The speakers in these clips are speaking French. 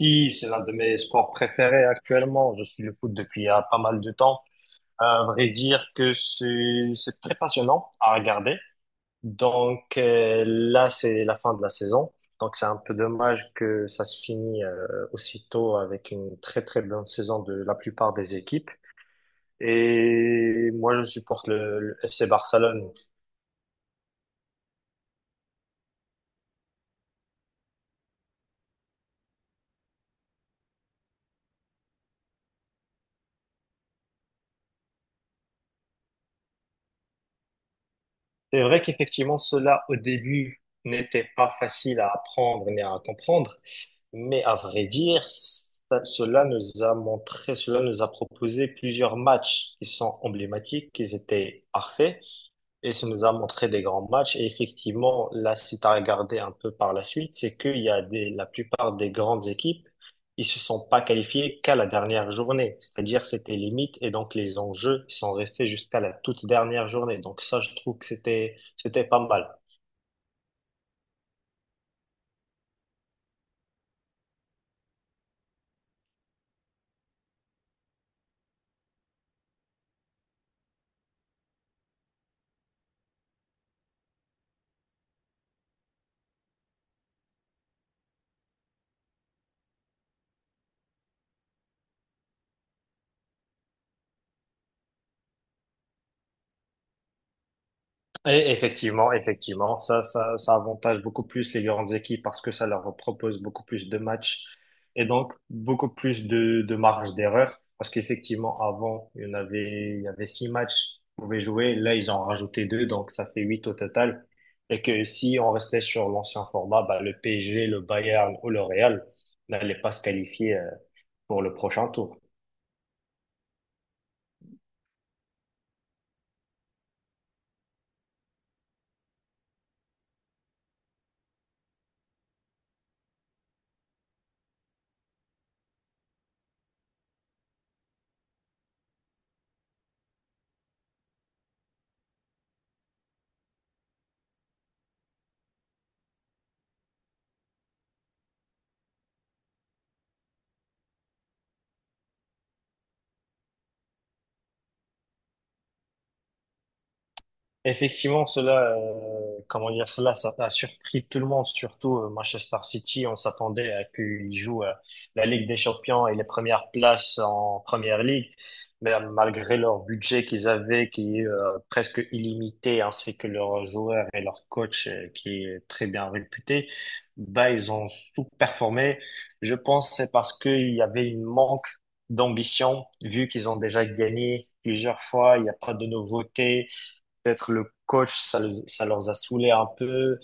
Oui, c'est l'un de mes sports préférés actuellement. Je suis le foot depuis pas mal de temps. À vrai dire que c'est très passionnant à regarder. Donc là, c'est la fin de la saison. Donc c'est un peu dommage que ça se finit aussitôt avec une très très bonne saison de la plupart des équipes. Et moi, je supporte le FC Barcelone. C'est vrai qu'effectivement, cela au début n'était pas facile à apprendre ni à comprendre. Mais à vrai dire, cela nous a montré, cela nous a proposé plusieurs matchs qui sont emblématiques, qui étaient parfaits, et ça nous a montré des grands matchs. Et effectivement, là, si tu as regardé un peu par la suite, c'est qu'il y a la plupart des grandes équipes, ils se sont pas qualifiés qu'à la dernière journée. C'est-à-dire, c'était limite, et donc les enjeux sont restés jusqu'à la toute dernière journée. Donc ça, je trouve que c'était pas mal. Et effectivement, ça avantage beaucoup plus les grandes équipes parce que ça leur propose beaucoup plus de matchs et donc beaucoup plus de marge d'erreur. Parce qu'effectivement, avant, il y avait six matchs qu'on pouvait jouer. Là, ils en ont rajouté deux, donc ça fait huit au total. Et que si on restait sur l'ancien format, bah, le PSG, le Bayern ou le Real n'allaient pas se qualifier pour le prochain tour. Effectivement, cela, comment dire, cela, ça a surpris tout le monde, surtout Manchester City. On s'attendait à qu'ils jouent la Ligue des Champions et les premières places en Première Ligue, mais malgré leur budget qu'ils avaient, qui est presque illimité, ainsi que leurs joueurs et leur coach qui est très bien réputé, bah ils ont sous-performé. Je pense que c'est parce qu'il y avait une manque d'ambition, vu qu'ils ont déjà gagné plusieurs fois, il n'y a pas de nouveauté. Peut-être le coach, ça, ça leur a saoulé un peu.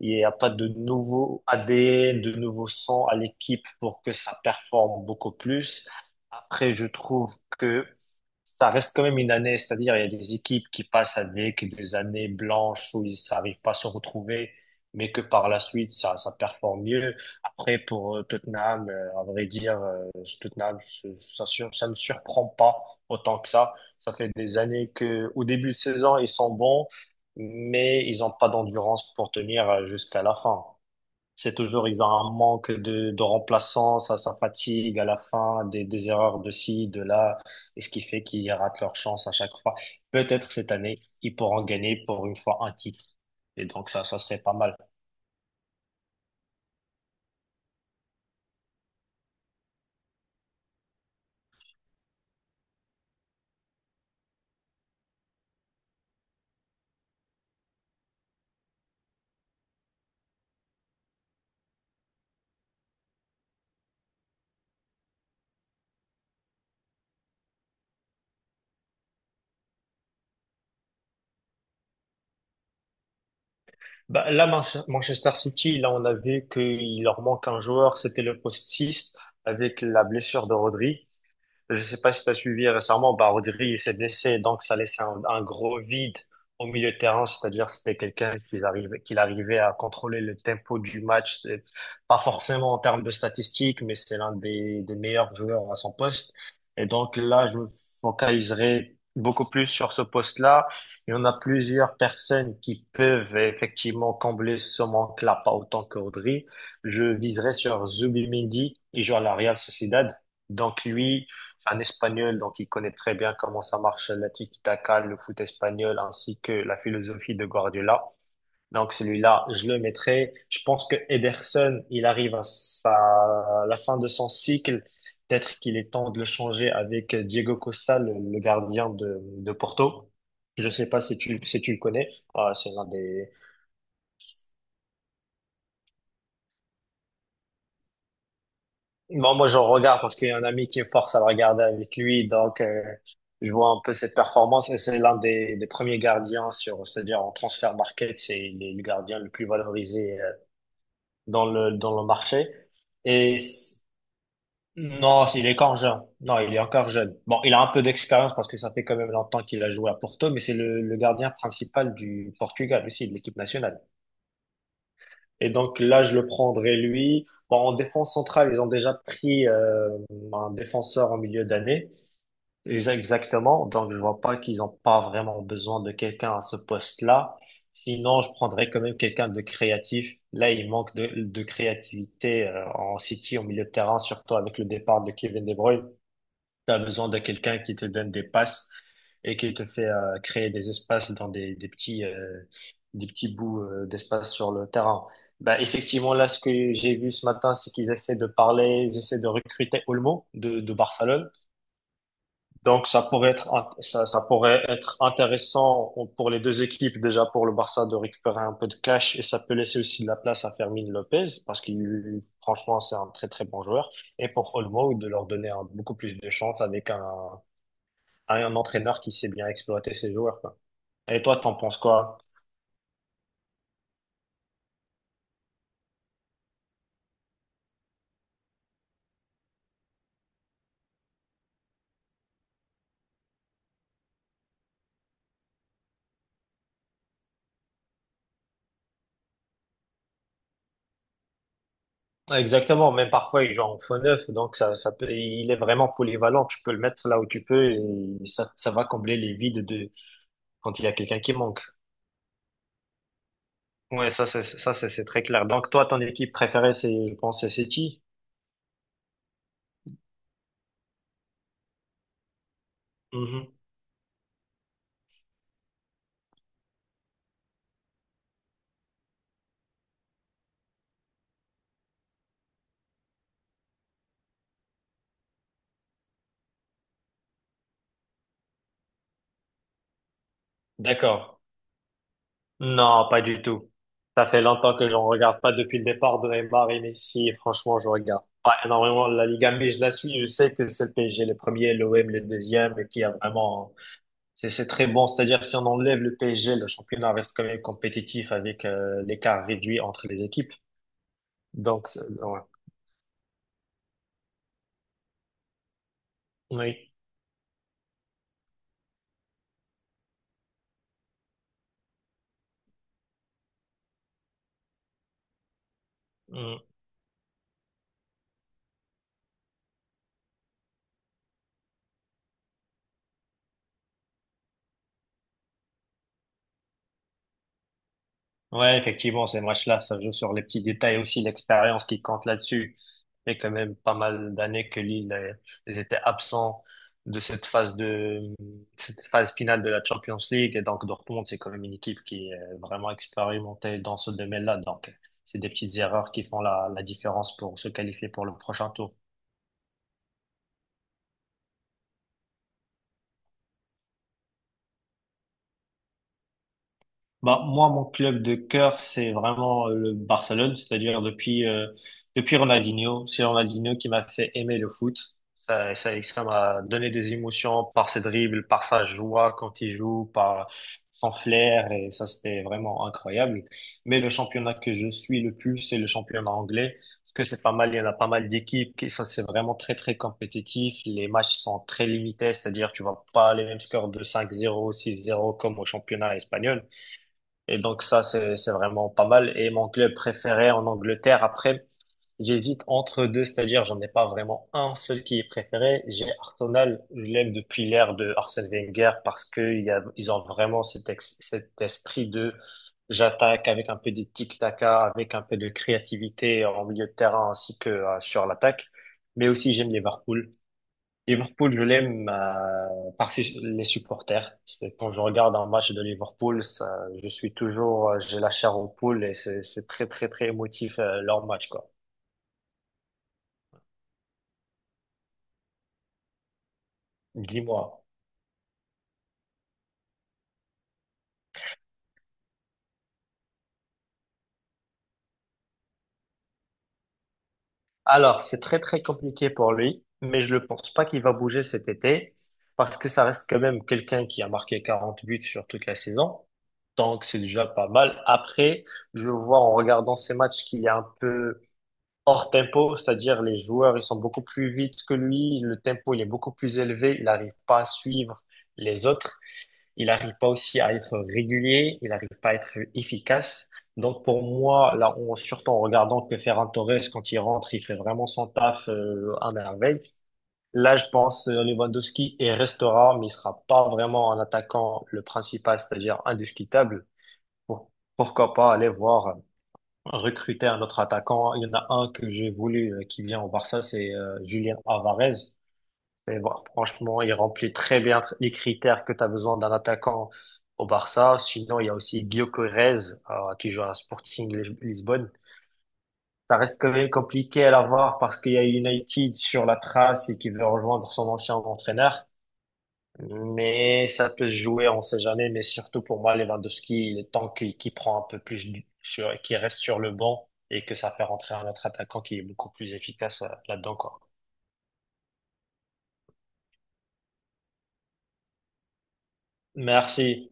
Il n'y a pas de nouveau ADN, de nouveau sang à l'équipe pour que ça performe beaucoup plus. Après, je trouve que ça reste quand même une année, c'est-à-dire il y a des équipes qui passent avec des années blanches où ils n'arrivent pas à se retrouver, mais que par la suite, ça performe mieux. Après, pour Tottenham, à vrai dire, Tottenham, ça, ça me surprend pas autant que ça. Ça fait des années que, au début de saison, ils sont bons, mais ils n'ont pas d'endurance pour tenir jusqu'à la fin. C'est toujours, ils ont un manque de remplaçants, ça fatigue à la fin, des erreurs de ci, de là, et ce qui fait qu'ils ratent leur chance à chaque fois. Peut-être cette année, ils pourront gagner pour une fois un titre. Et donc, ça serait pas mal. Bah, là, Manchester City, là, on a vu qu'il leur manque un joueur, c'était le poste 6, avec la blessure de Rodri. Je sais pas si tu as suivi récemment, bah, Rodri s'est blessé, donc ça laissait un gros vide au milieu de terrain, c'est-à-dire c'était quelqu'un qui arrivait à contrôler le tempo du match. C'est pas forcément en termes de statistiques, mais c'est l'un des meilleurs joueurs à son poste. Et donc là, je me focaliserai beaucoup plus sur ce poste-là. Il y en a plusieurs personnes qui peuvent effectivement combler ce manque-là, pas autant que Rodri. Je viserai sur Zubimendi, il joue à la Real Sociedad. Donc lui, c'est un Espagnol, donc il connaît très bien comment ça marche la tiki-taka, le foot espagnol, ainsi que la philosophie de Guardiola. Donc celui-là, je le mettrai. Je pense que Ederson, il arrive à la fin de son cycle. Peut-être qu'il est temps de le changer avec Diego Costa, le gardien de Porto. Je sais pas si tu le connais. Ah, c'est l'un des. Bon, moi, je regarde parce qu'il y a un ami qui me force à le regarder avec lui. Donc, je vois un peu cette performance. Et c'est l'un des premiers gardiens sur, c'est-à-dire en transfer market, c'est il est le gardien le plus valorisé dans le marché. Et non, il est encore jeune. Non, il est encore jeune. Bon, il a un peu d'expérience parce que ça fait quand même longtemps qu'il a joué à Porto, mais c'est le gardien principal du Portugal aussi, de l'équipe nationale. Et donc là, je le prendrai lui. Bon, en défense centrale, ils ont déjà pris un défenseur en milieu d'année. Exactement. Donc je vois pas qu'ils ont pas vraiment besoin de quelqu'un à ce poste-là. Sinon, je prendrais quand même quelqu'un de créatif. Là, il manque de créativité en City, au milieu de terrain, surtout avec le départ de Kevin De Bruyne. Tu as besoin de quelqu'un qui te donne des passes et qui te fait créer des espaces dans des petits bouts d'espace sur le terrain. Bah, effectivement, là, ce que j'ai vu ce matin, c'est qu'ils essaient de parler, ils essaient de recruter Olmo de Barcelone. Donc, ça pourrait être intéressant pour les deux équipes, déjà pour le Barça, de récupérer un peu de cash et ça peut laisser aussi de la place à Fermin Lopez parce qu'il, franchement, c'est un très, très bon joueur. Et pour Olmo, de leur donner beaucoup plus de chance à un entraîneur qui sait bien exploiter ses joueurs, quoi. Et toi, t'en penses quoi? Exactement, même parfois il joue en faux neuf, donc ça peut, il est vraiment polyvalent. Tu peux le mettre là où tu peux et ça va combler les vides de quand il y a quelqu'un qui manque. Ouais, ça c'est très clair. Donc toi, ton équipe préférée, c'est je pense c'est City. Mhm. D'accord. Non, pas du tout. Ça fait longtemps que j'en regarde pas depuis le départ de Neymar et Messi. Franchement, je regarde pas énormément la Liga, mais je la suis. Je sais que c'est le PSG le premier, l'OM le deuxième, et qui a vraiment. C'est très bon. C'est-à-dire, si on enlève le PSG, le championnat reste quand même compétitif avec l'écart réduit entre les équipes. Donc, ouais. Oui. Mm. Ouais, effectivement, ces matchs-là, ça joue sur les petits détails aussi, l'expérience qui compte là-dessus. Il y a quand même pas mal d'années que Lille ils étaient absents de cette phase finale de la Champions League. Et donc, Dortmund, c'est quand même une équipe qui est vraiment expérimentée dans ce domaine-là. Donc, c'est des petites erreurs qui font la différence pour se qualifier pour le prochain tour. Bah, moi, mon club de cœur, c'est vraiment le Barcelone, c'est-à-dire depuis Ronaldinho. C'est Ronaldinho qui m'a fait aimer le foot. Ça m'a donné des émotions par ses dribbles, par sa joie quand il joue, par son flair, et ça, c'était vraiment incroyable. Mais le championnat que je suis le plus, c'est le championnat anglais. Parce que c'est pas mal, il y en a pas mal d'équipes qui, ça, c'est vraiment très, très compétitif. Les matchs sont très limités, c'est-à-dire, tu vois pas les mêmes scores de 5-0, 6-0 comme au championnat espagnol. Et donc ça, c'est vraiment pas mal. Et mon club préféré en Angleterre, après, j'hésite entre deux, c'est-à-dire j'en ai pas vraiment un seul qui est préféré. J'ai Arsenal, je l'aime depuis l'ère de Arsène Wenger parce que ils ont vraiment cet esprit de j'attaque avec un peu de tic-taca, avec un peu de créativité en milieu de terrain ainsi que sur l'attaque. Mais aussi j'aime Liverpool. Liverpool, je l'aime par les supporters. Quand je regarde un match de Liverpool, ça, je suis toujours, j'ai la chair aux poules et c'est très très très émotif leur match quoi. Dis-moi. Alors, c'est très très compliqué pour lui, mais je ne pense pas qu'il va bouger cet été parce que ça reste quand même quelqu'un qui a marqué 40 buts sur toute la saison. Donc, c'est déjà pas mal. Après, je vois en regardant ces matchs qu'il est un peu hors tempo, c'est-à-dire les joueurs, ils sont beaucoup plus vite que lui, le tempo, il est beaucoup plus élevé, il n'arrive pas à suivre les autres, il n'arrive pas aussi à être régulier, il n'arrive pas à être efficace. Donc pour moi, là, surtout en regardant que Ferran Torres, quand il rentre, il fait vraiment son taf à merveille. Là, je pense Lewandowski et restera, mais il sera pas vraiment un attaquant le principal, c'est-à-dire indiscutable. Pour- Pourquoi pas aller voir recruter un autre attaquant. Il y en a un que j'ai voulu qui vient au Barça, c'est Julien Alvarez. Et bon, franchement, il remplit très bien les critères que tu as besoin d'un attaquant au Barça. Sinon, il y a aussi Guillaume Corrèze qui joue à Sporting Lisbonne. Ça reste quand même compliqué à l'avoir parce qu'il y a United sur la trace et qui veut rejoindre son ancien entraîneur. Mais ça peut se jouer, on sait jamais. Mais surtout pour moi, Lewandowski, il est temps qu'il prend un peu plus qu'il reste sur le banc et que ça fait rentrer un autre attaquant qui est beaucoup plus efficace là-dedans, quoi. Merci.